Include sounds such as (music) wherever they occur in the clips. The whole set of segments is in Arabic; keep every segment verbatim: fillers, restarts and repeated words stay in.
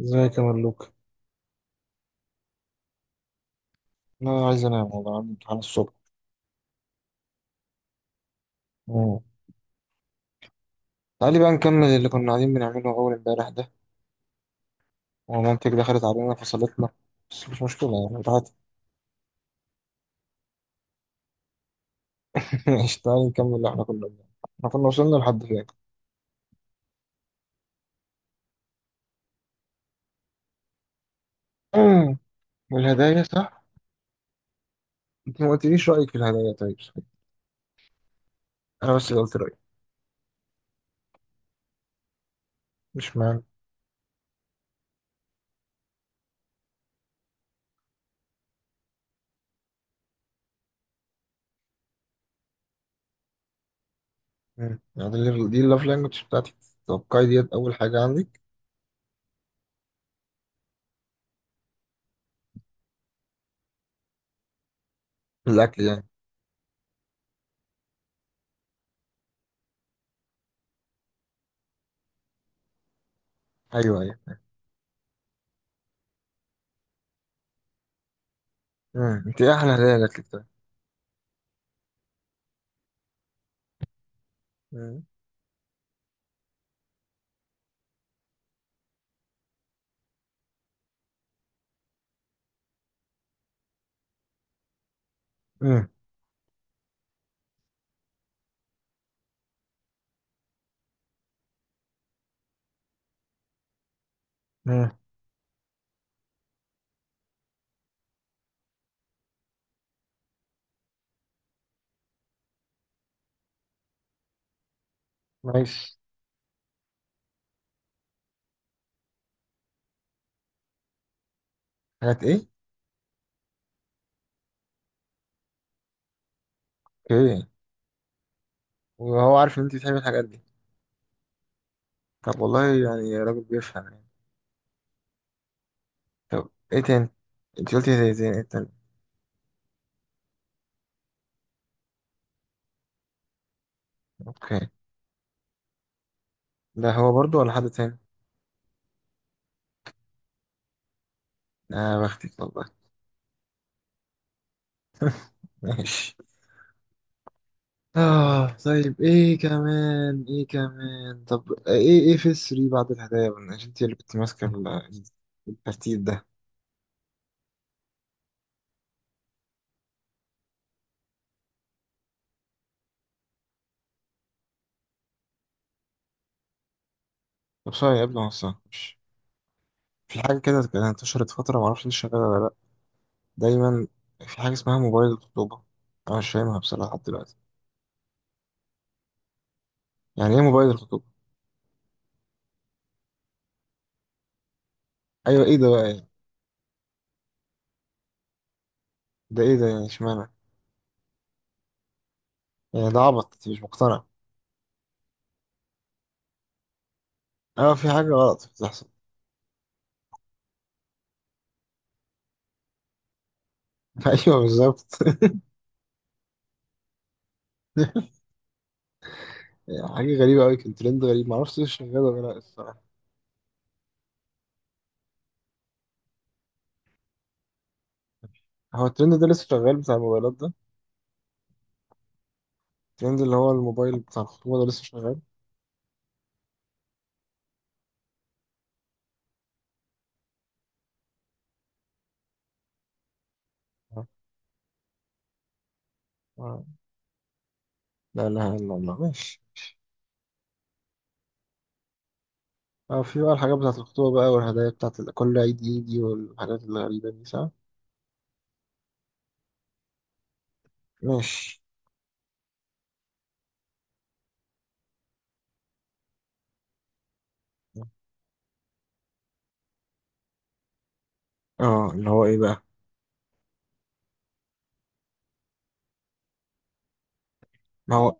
ازيك يا ملوك؟ انا عايز انام والله، عندي امتحان الصبح. مم. تعالي بقى نكمل اللي كنا قاعدين بنعمله اول امبارح ده، ومامتك دخلت علينا فصلتنا، بس مش مشكله يعني بتاعت. (laughs) ماشي، تعالي نكمل اللي احنا كنا بنعمله. احنا كنا وصلنا لحد فين؟ (clears throat) مم. والهدايا صح. انت ما قلتليش رايك في الهدايا طيب، صحيح. انا بس اللي قلت رايي. مش معنى. مم. يعني دي اللي- دي اللاف لانجوج بتاعتك. توقعي ديت اول حاجه عندك. الاكل يعني؟ ايوه ايوه. مم. انت ايه احلى هدايا لك طيب؟ مم. مم. مم. نايس. حاجات ايه؟ اوكي، وهو عارف ان انت بتحبي الحاجات دي؟ طب والله يعني راجل بيفهم يعني. طب ايه تاني؟ انت قلتي زي زي ايه تاني؟ اوكي. ده هو برضو ولا حد تاني؟ اه بختك والله. (laughs) ماشي. اه طيب، ايه كمان ايه كمان؟ طب ايه ايه في السري بعد الهدايا بقى؟ عشان انت اللي كنت ماسكه ال- الترتيب ده. طب سوري قبل ما اوصل، مش في حاجه كده كانت انتشرت فتره، معرفش انت شغاله ولا لا. دايما في حاجه اسمها موبايل الخطوبه. انا مش فاهمها بصراحه لحد دلوقتي. يعني ايه موبايل الخطوبه؟ ايوه، ايه ده بقى يعني؟ ده ايه ده يعني، اشمعنى؟ يعني ده عبط، انت مش مقتنع؟ اه في حاجة غلط بتحصل. (laughs) ايوه بالظبط. (laughs) حاجة غريبة أوي، كان ترند غريب، معرفش لسه شغال ولا لأ الصراحة. هو الترند ده لسه شغال، بتاع الموبايلات ده؟ الترند اللي هو الموبايل بتاع الخطوبة ده لسه شغال؟ آه. آه. لا لا لا لا، ماشي ماشي. اه، في بقى الحاجات بتاعت الخطوبة بقى، والهدايا بتاعت ال- كل عيد يجي، والحاجات الغريبة دي، صح؟ ماشي. اه اللي هو ايه بقى؟ ما هو،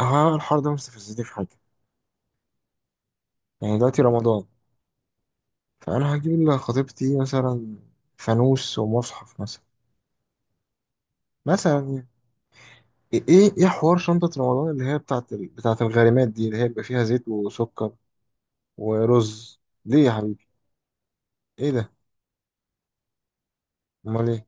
هو الحوار ده مستفزني في حاجة. يعني دلوقتي رمضان، فأنا هجيب لخطيبتي مثلا فانوس ومصحف مثلا. مثلا يعني. ايه ايه إيه حوار شنطة رمضان اللي هي بتاعت ال... بتاعت الغارمات دي، اللي هي بيبقى فيها زيت وسكر ورز؟ ليه يا حبيبي؟ ايه ده؟ امال ايه؟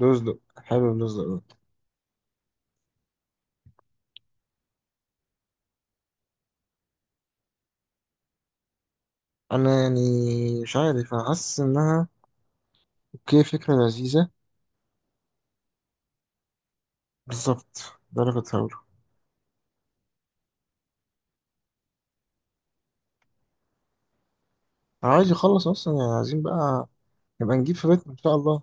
رزق، حلو الرزق ده. انا يعني مش عارف، انا حاسس انها اوكي، فكرة لذيذة. بالظبط، ده اللي كنت هقوله. انا عايز يخلص اصلا يعني، عايزين بقى نبقى نجيب في بيتنا ان شاء الله.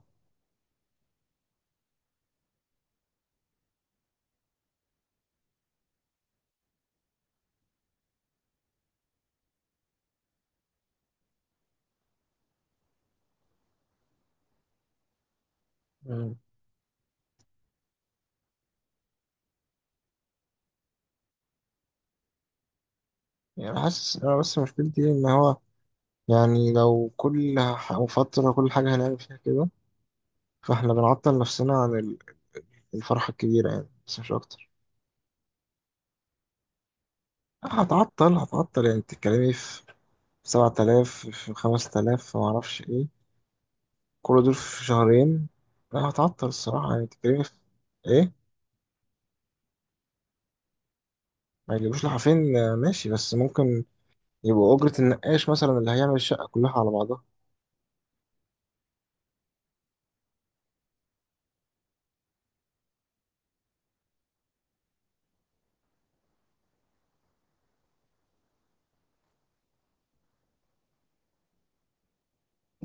مم. يعني حاسس انا بس مشكلتي إيه، ان هو يعني لو كل ح- فترة كل حاجة هنعمل فيها كده، فاحنا بنعطل نفسنا عن ال- الفرحة الكبيرة يعني، بس مش أكتر. هتعطل هتعطل، يعني بتتكلمي في سبعة آلاف في خمس آلاف في معرفش إيه، كل دول في شهرين. لا هتعطل الصراحة، يعني بتتكلمي في إيه؟ ما يجيبوش لحافين؟ آه ماشي، بس ممكن يبقوا أجرة النقاش مثلا اللي هيعمل الشقة كلها على بعضها.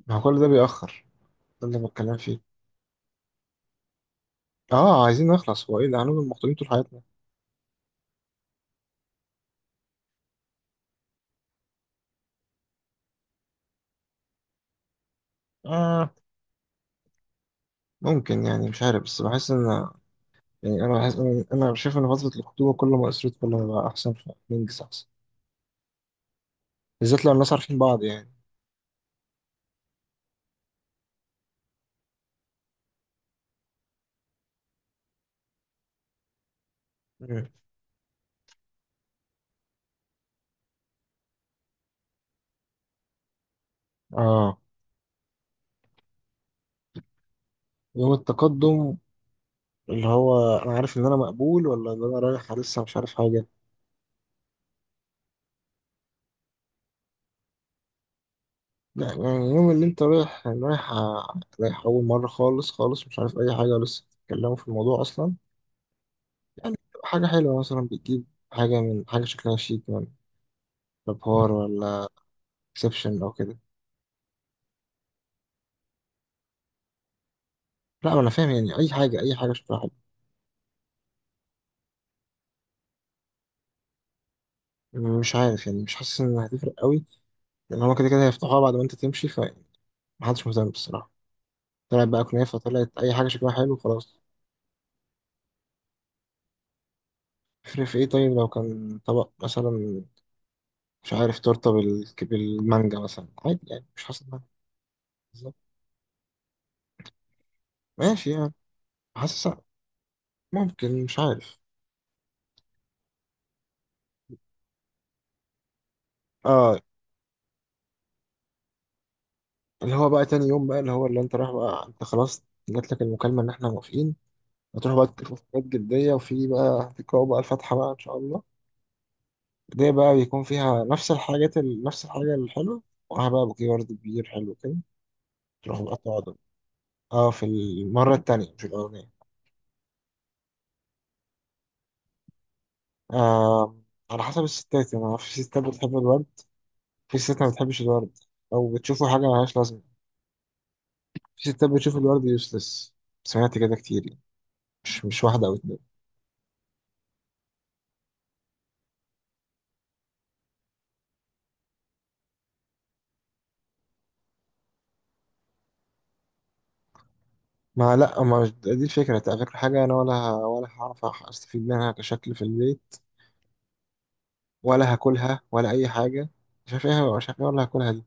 ما هو كل ده بيأخر، ده اللي بتكلم فيه. اه عايزين نخلص، هو ايه ده، هنفضل مخطوبين طول حياتنا؟ آه ممكن يعني، مش عارف، بس بحس ان يعني، انا بحس، انا أنا شايف ان فتره الخطوبه كل ما قصرت كل ما بقى احسن، فننجز احسن. بالذات لو الناس عارفين بعض يعني. مم. اه يوم التقدم، اللي هو انا عارف ان انا مقبول، ولا ان انا رايح لسه مش عارف حاجه؟ لا يعني يوم اللي انت رايح، رايح رايح اول مره خالص خالص، مش عارف اي حاجه ولسه بتتكلموا في الموضوع اصلا. يعني بتبقى حاجه حلوه مثلا، بتجيب حاجه من حاجه شكلها شيك، من بابار ولا اكسبشن او كده. لا ما انا فاهم، يعني اي حاجه اي حاجه شكلها حلو. مش عارف يعني، مش حاسس انها هتفرق قوي، لان هو كده كده هيفتحوها بعد ما انت تمشي، فمحدش مهتم بالصراحه. طلعت بقى كنافه، طلعت اي حاجه شكلها حلو، خلاص. يفرق في ايه طيب لو كان طبق مثلا، مش عارف، تورته بال... بالمانجا مثلا، عادي يعني، مش حاسس بحاجة. بالظبط، ماشي يعني، حاسس. ممكن، مش عارف. اه اللي هو بقى تاني يوم، بقى اللي هو اللي انت رايح بقى، انت خلاص جات لك المكالمه ان احنا موافقين، هتروح بقى تكتبوا في حاجات جديه، وفي بقى هتقراوا بقى الفاتحه بقى ان شاء الله. دي بقى بيكون فيها نفس الحاجات ال... نفس الحاجه الحلوه، ومعاها بقى بوكيه ورد كبير حلو كده. راح مقطع عضل. اه في المرة التانية مش الأولانية. آه، على حسب الستات يعني، في ستات بتحب الورد، في ستات ما بتحبش الورد أو بتشوفه حاجة ملهاش لازمة. في ستات بتشوف الورد يوسلس، سمعت كده كتير يعني، مش مش واحدة أو اتنين. ما لا ما مش- دي الفكرة، تغير حاجة؟ أنا ولا ه- ولا هعرف أح- أستفيد منها كشكل في البيت، ولا هاكلها ولا أي حاجة. مش عارف إيه مش عارف إيه، ولا هاكلها دي.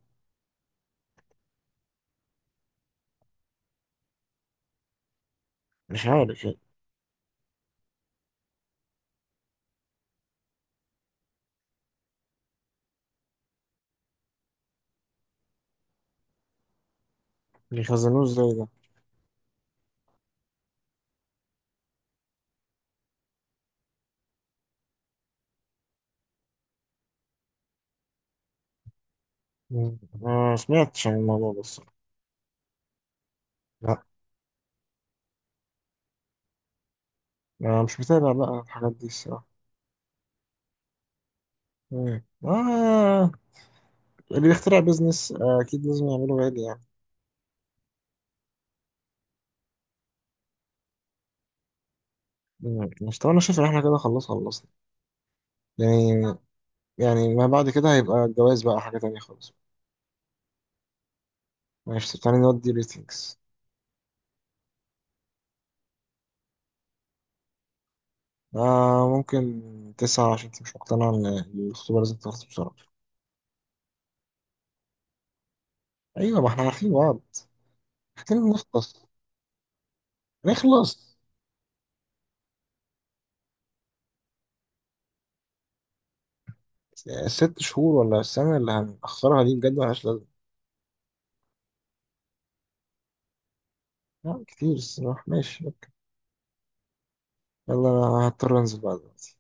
مش عارف يعني. بيخزنوه إزاي ده؟ مم. ما سمعتش عن الموضوع ده الصراحة. لا، أنا مش متابع بقى الحاجات دي الصراحة. مم. آه، اللي بيخترع بيزنس آه، أكيد لازم يعمله غالي يعني. مم. مش طبعا، أنا شايف إن إحنا كده خلاص خلصنا يعني. يعني ما بعد كده هيبقى الجواز بقى حاجة تانية خالص. ماشي تعالى نودي ريتنجز. آه ممكن تسعة، عشان أنت مش مقتنع إن الخطوبة لازم تخلص بسرعة. أيوة ما إحنا عارفين بعض، محتاجين نخلص نخلص. ست شهور ولا السنة اللي هنأخرها دي بجد ملهاش لازمة. لا كتير الصراحة، ماشي أوكي. يلا، أنا هضطر أنزل بقى دلوقتي.